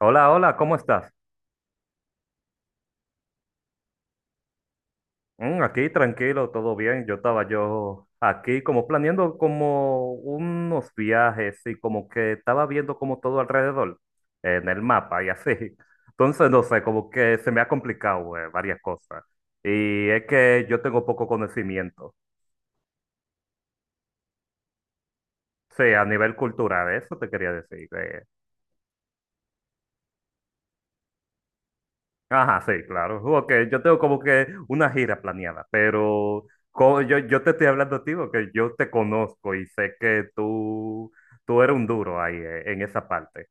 Hola, hola, ¿cómo estás? Mm, aquí tranquilo, todo bien. Yo estaba yo aquí como planeando como unos viajes y como que estaba viendo como todo alrededor en el mapa y así. Entonces, no sé, como que se me ha complicado varias cosas. Y es que yo tengo poco conocimiento. Sí, a nivel cultural, eso te quería decir. Ajá, sí, claro. Porque yo tengo como que una gira planeada, pero yo te estoy hablando a ti porque yo te conozco y sé que tú eres un duro ahí en esa parte.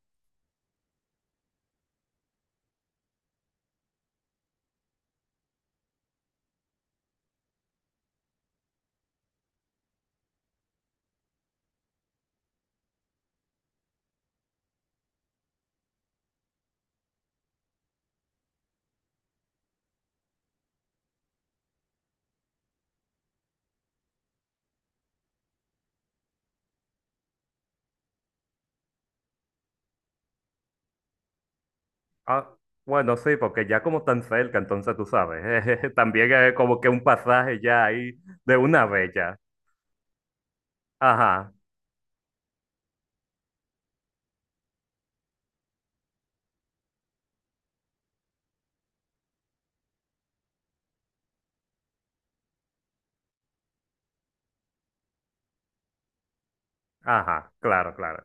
Ah, bueno, sí, porque ya como tan cerca, entonces tú sabes, también es como que un pasaje ya ahí de una vez ya. Ajá, ajá, claro, claro.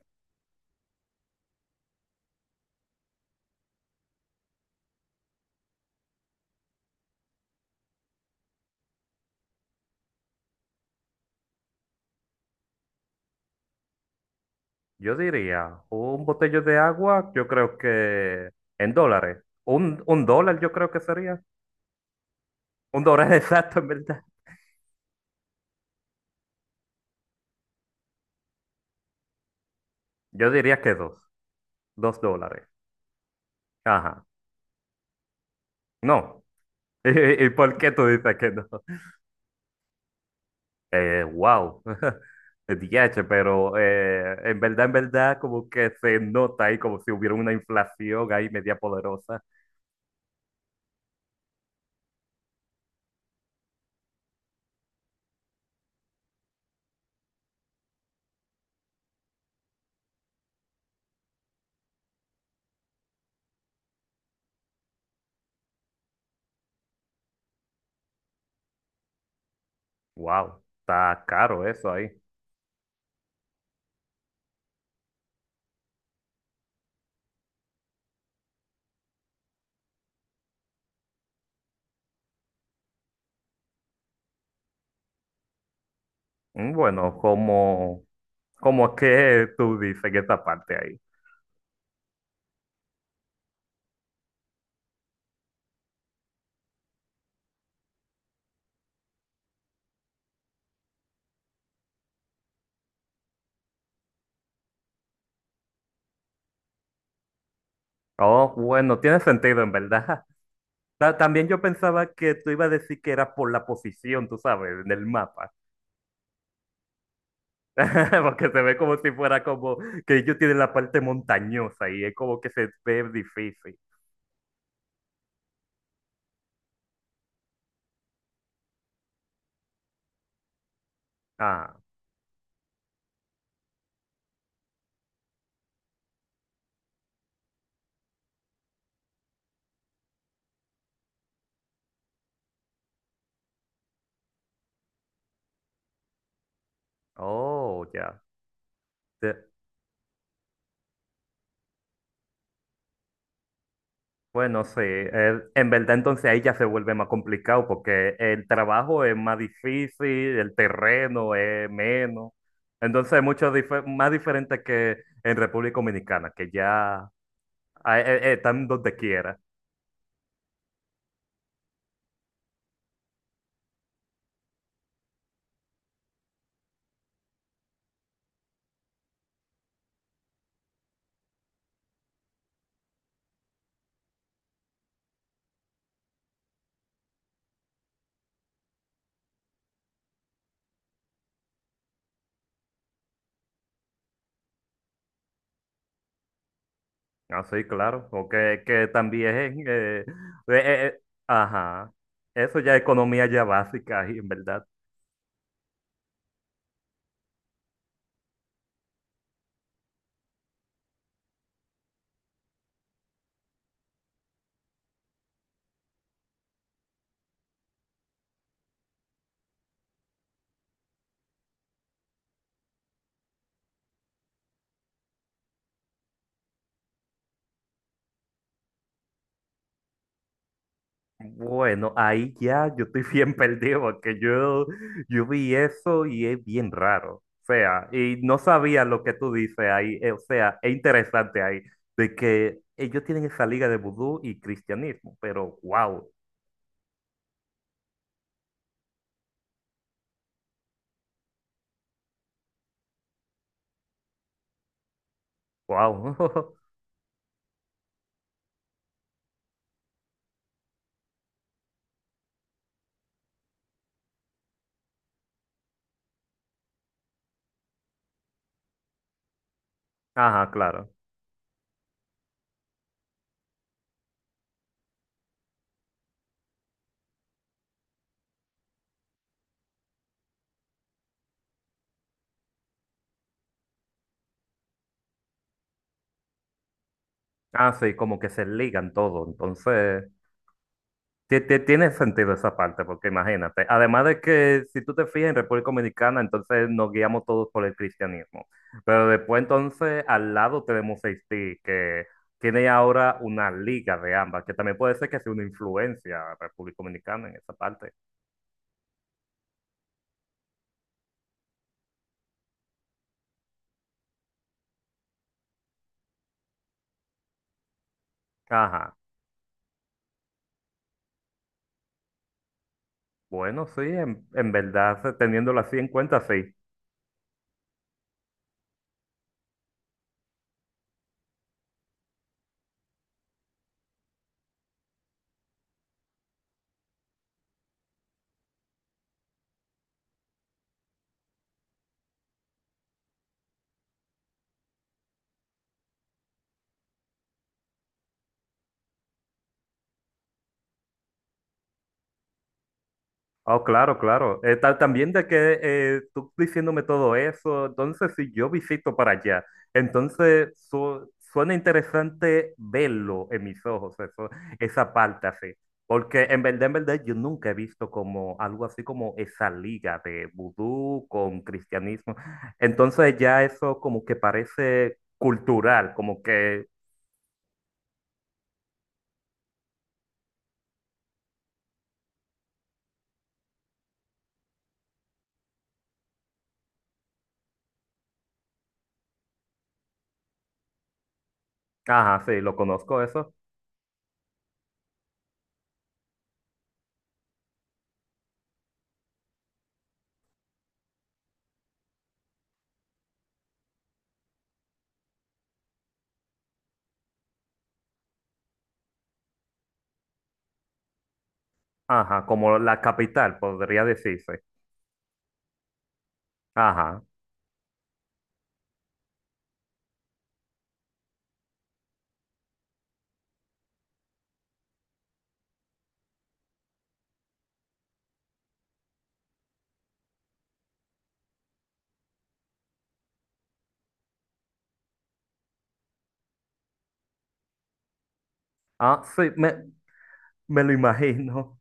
Yo diría, un botello de agua, yo creo que en dólares. Un dólar yo creo que sería. Un dólar exacto, en verdad. Yo diría que dos dólares. Ajá. No. ¿Y por qué tú dices que no? Wow. DH, pero en verdad, como que se nota ahí como si hubiera una inflación ahí media poderosa. Wow, está caro eso ahí. Mm, bueno, como, como que tú dices en esta parte ahí. Oh, bueno, tiene sentido en verdad. También yo pensaba que tú ibas a decir que era por la posición, tú sabes, en el mapa, porque se ve como si fuera como que ellos tienen la parte montañosa y es como que se ve difícil. Ah, oh, ya. Te- Bueno, sí, en verdad entonces ahí ya se vuelve más complicado porque el trabajo es más difícil, el terreno es menos, entonces es más diferente que en República Dominicana, que ya ah, están donde quiera. Ah, sí, claro, porque que también, eh, eh, eh, eh, ajá, eso ya es economía ya básica, y en verdad. Bueno, ahí ya yo estoy bien perdido, porque yo vi eso y es bien raro. O sea, y no sabía lo que tú dices ahí, o sea, es interesante ahí, de que ellos tienen esa liga de vudú y cristianismo, pero wow, wow. Ajá, claro. Ah, sí, como que se ligan todo, entonces. Tiene sentido esa parte, porque imagínate, además de que si tú te fijas en República Dominicana, entonces nos guiamos todos por el cristianismo, pero después entonces al lado tenemos Haití, que tiene ahora una liga de ambas, que también puede ser que sea una influencia a República Dominicana en esa parte. Ajá, bueno, sí, en verdad, teniéndolo así en cuenta, sí. Oh, claro, claro. Tal, también de que tú diciéndome todo eso, entonces si yo visito para allá, entonces suena interesante verlo en mis ojos, eso, esa parte así. Porque en verdad, yo nunca he visto como algo así como esa liga de vudú con cristianismo. Entonces ya eso como que parece cultural, como que, ajá, sí, lo conozco eso. Ajá, como la capital, podría decirse. Ajá. Ah, sí, me lo imagino.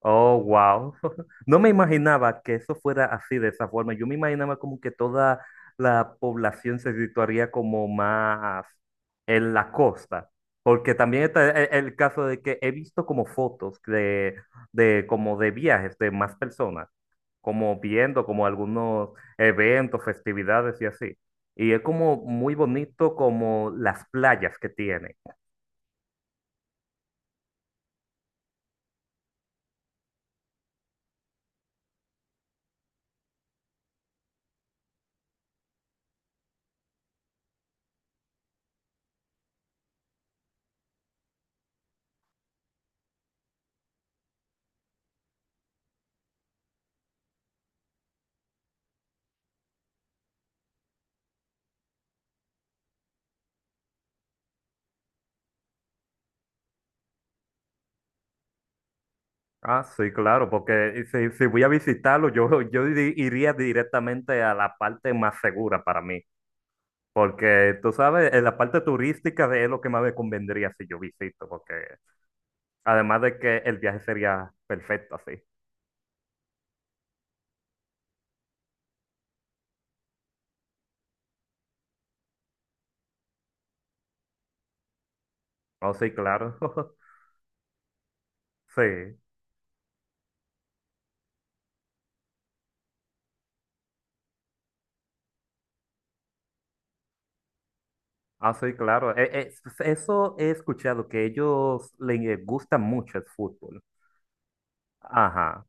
Oh, wow. No me imaginaba que eso fuera así de esa forma. Yo me imaginaba como que toda la población se situaría como más en la costa. Porque también está el, caso de que he visto como fotos de como de viajes de más personas, como viendo como algunos eventos, festividades y así. Y es como muy bonito como las playas que tiene. Ah, sí, claro, porque si, si voy a visitarlo, yo, yo iría directamente a la parte más segura para mí, porque tú sabes, en la parte turística es lo que más me convendría si yo visito, porque además de que el viaje sería perfecto así. Oh, sí, claro. Sí, ah, sí, claro. Eso he escuchado, que ellos les gusta mucho el fútbol. Ajá.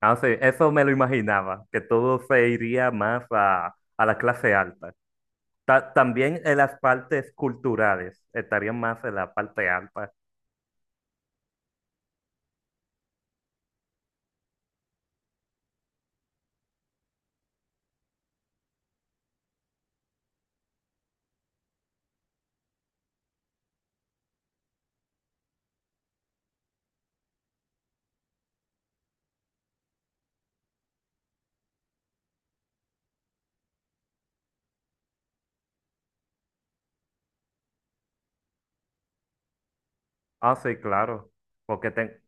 Ah, sí, eso me lo imaginaba, que todo se iría más a la clase alta. También en las partes culturales, estarían más en la parte alta. Ah, sí, claro, porque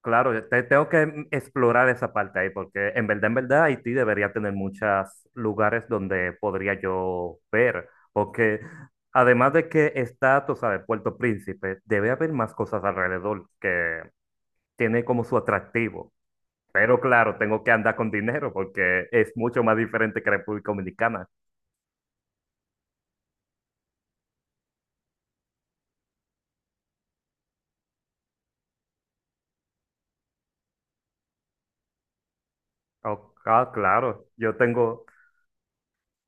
claro, tengo que explorar esa parte ahí, porque en verdad, Haití debería tener muchos lugares donde podría yo ver, porque además de que está, tú sabes, Puerto Príncipe, debe haber más cosas alrededor que tiene como su atractivo. Pero claro, tengo que andar con dinero porque es mucho más diferente que República Dominicana. Oh, ah, claro, yo tengo...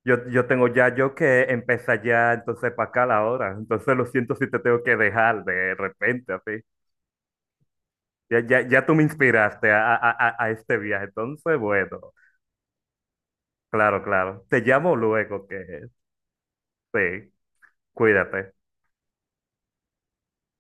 Yo tengo ya yo que empezar ya entonces para acá la hora. Entonces lo siento si te tengo que dejar de repente así. Ya, ya, ya tú me inspiraste a, a este viaje. Entonces, bueno, claro, claro. Te llamo luego que sí, cuídate.